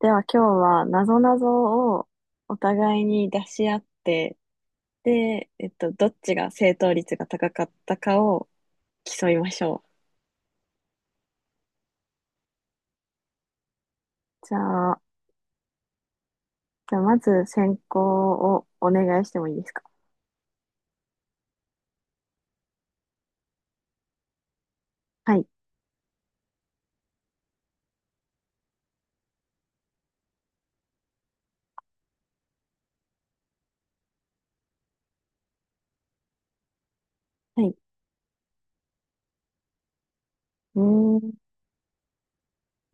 では今日はなぞなぞをお互いに出し合って、で、どっちが正答率が高かったかを競いましょう。じゃあ、じゃあまず先行をお願いしてもいいですか？はい。はい。うーん。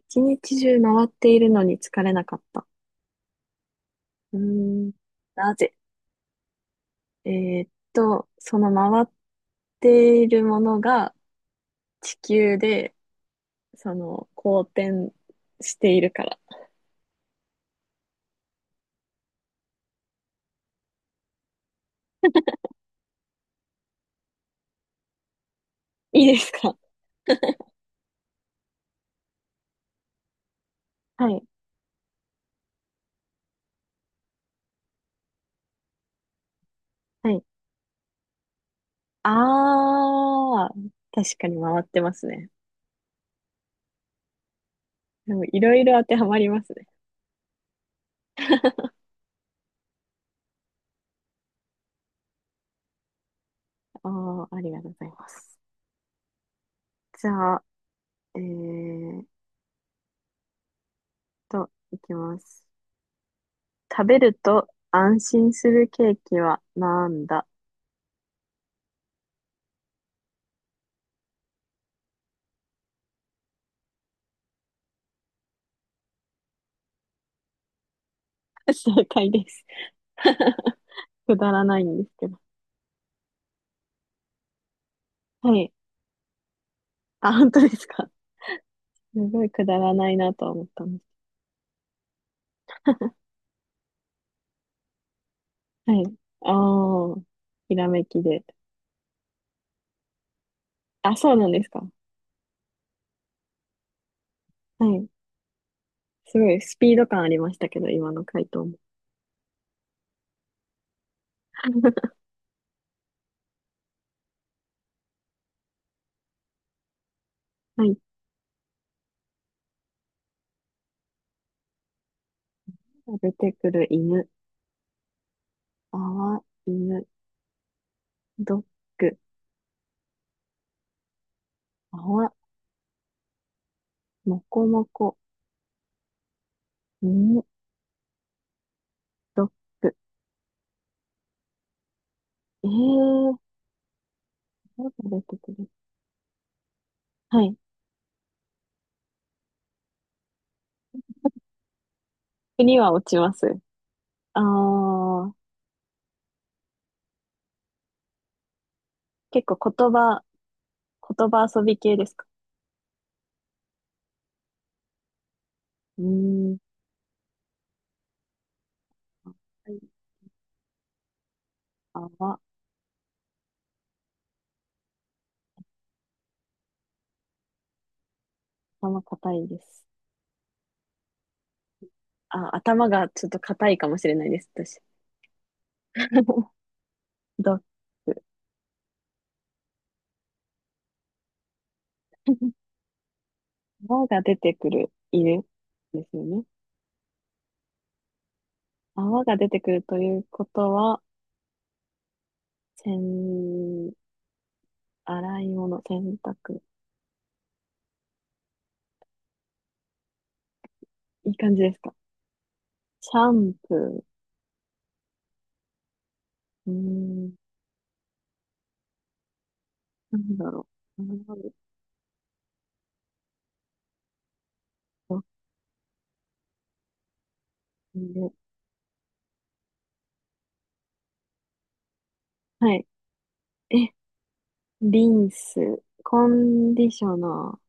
一日中回っているのに疲れなかった。うーん。なぜ？その回っているものが地球で、その、公転しているから。いいですか？はい。はい。ああ、確かに回ってますね。でもいろいろ当てはまりますね。ああ、ありがとうございます。じゃあ、えーっいきます。食べると安心するケーキはなんだ？ 正解です。くだらないんですけど。はい。あ、本当ですか？すごいくだらないなと思ったんです。はい。ああ、ひらめきで。あ、そうなんですか？はい。すごいスピード感ありましたけど、今の回答も。はい。出てくる犬。泡、犬、ドッグ。泡、もこもこ、犬、ドッグ。えー、どう出てくる？はい。国は落ちます。あー、結構言葉、言葉遊び系ですか？うーん。はい。泡、頭硬いです。あ、頭がちょっと硬いかもしれないです、私。ドッグ。泡が出てくる犬ですよね。泡が出てくるということは、せん、洗い物、洗濯。いい感じですか？シャンプー。うーん。なんだろう。うはい。え、リンス。コンディショナー。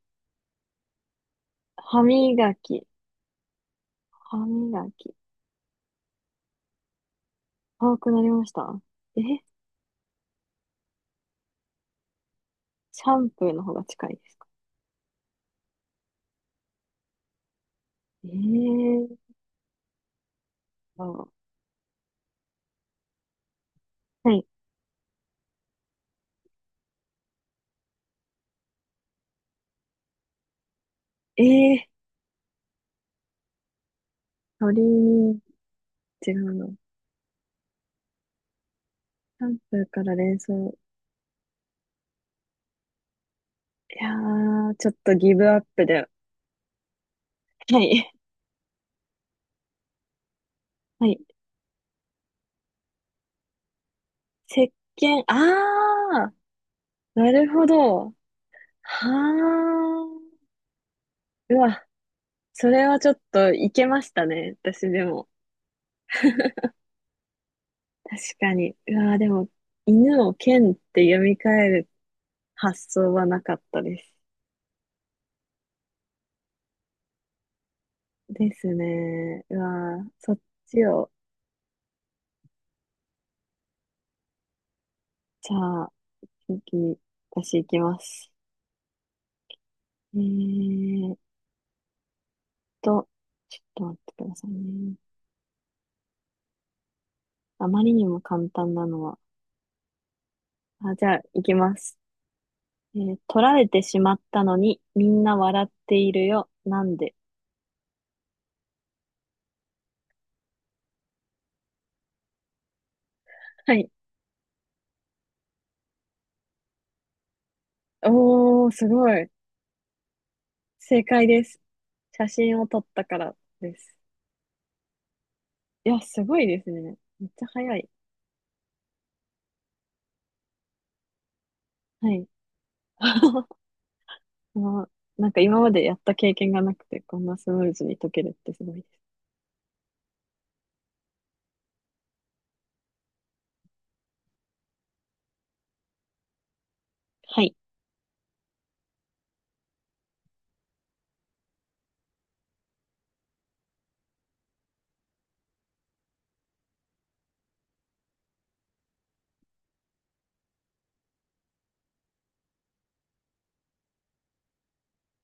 歯磨き。歯磨き。青くなりました？え、シャンプーの方が近いですか？えーと、はい。えー、鳥に違うの。シャンプーから連想。いやー、ちょっとギブアップで。はい。はい。石鹸。あーなるほど。はあ。うわ、それはちょっといけましたね。私でも。確かに。うわ、でも、犬を剣って読み替える発想はなかったです。ですね。うわ、そっちを、じゃあ、次、私行きます。えーっと、ちょっと待ってくださいね。あまりにも簡単なのは。あ、じゃあ、行きます。えー、取られてしまったのに、みんな笑っているよ。なんで？はい。おー、すごい。正解です。写真を撮ったからです。いや、すごいですね。めっちゃ早い。はい。まあ、なんか今までやった経験がなくて、こんなスムーズに解けるってすごいです。はい。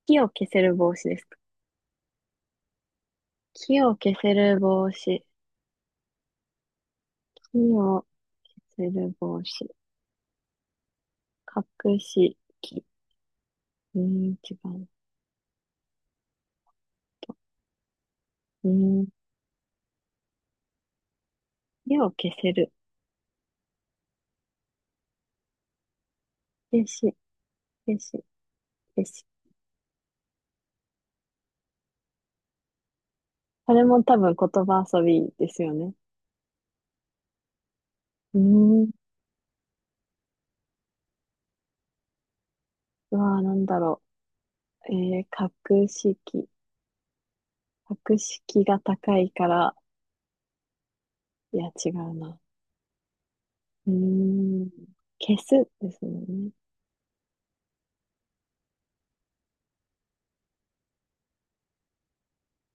火を消せる帽子ですか？火を消せる帽子。火を消せる帽子。隠し木。うーん、違うと。うーん、火を消せる。消し、消し、消し。これも多分言葉遊びですよね。うーん。うわー、なんだろう。えー、格式。格式が高いから、いや、違うな。うーん。消すですもんね。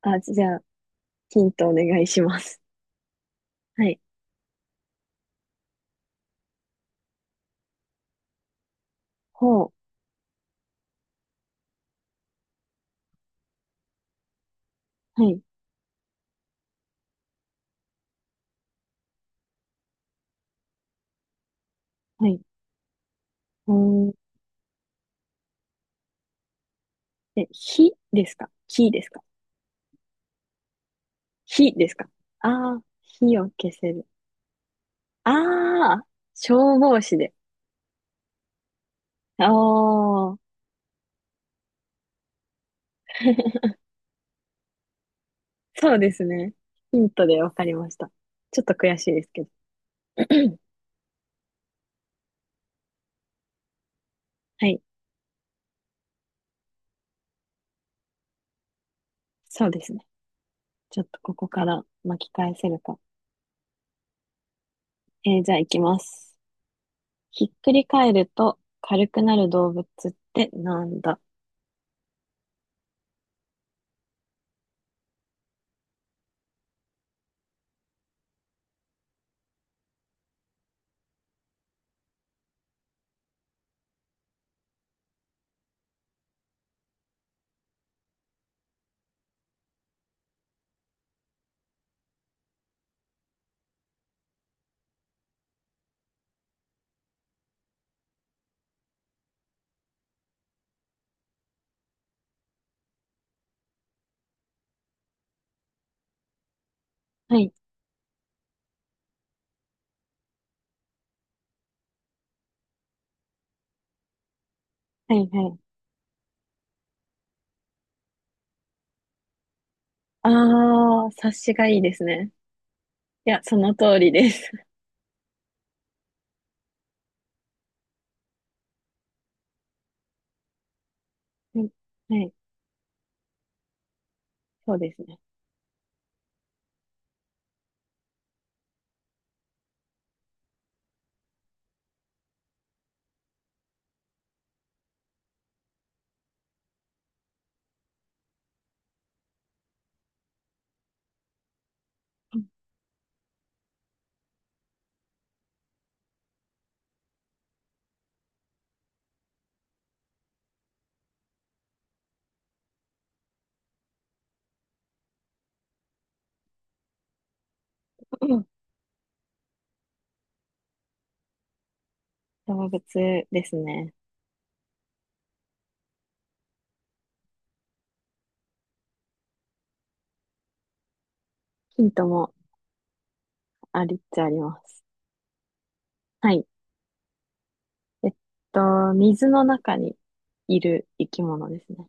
あ、じゃあ、ヒントお願いします。はい。ほう。はい。はい。うーん。え、火ですか？火ですか？ああー、火を消せる。ああ、消防士で。ああ。そうですね。ヒントでわかりました。ちょっと悔しいですけど。はい。そうですね。ちょっとここから巻き返せるか。えーじゃあ行きます。ひっくり返ると軽くなる動物ってなんだ？はい、はい。あー、察しがいいですね。いや、その通りです。はい。はい、そうですね。うん。動物ですね。ヒントもありっちゃあります。はい。えっと、水の中にいる生き物ですね。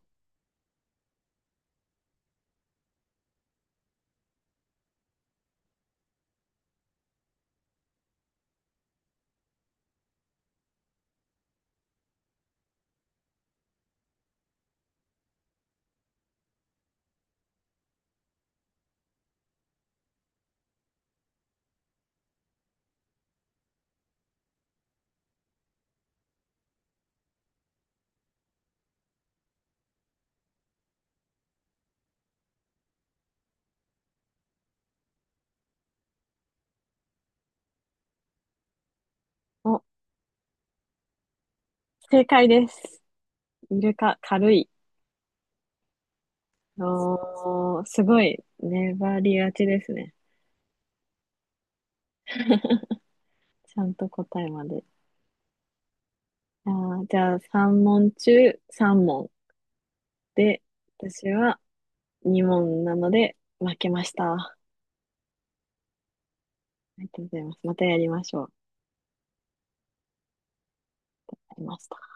お、正解です。イルカ、軽い。おー、すごい、粘りがちですね。ちゃんと答えまで。あー、じゃあ、3問中3問で、私は2問なので負けました。ありがとうございます。またやりましょう。ありました。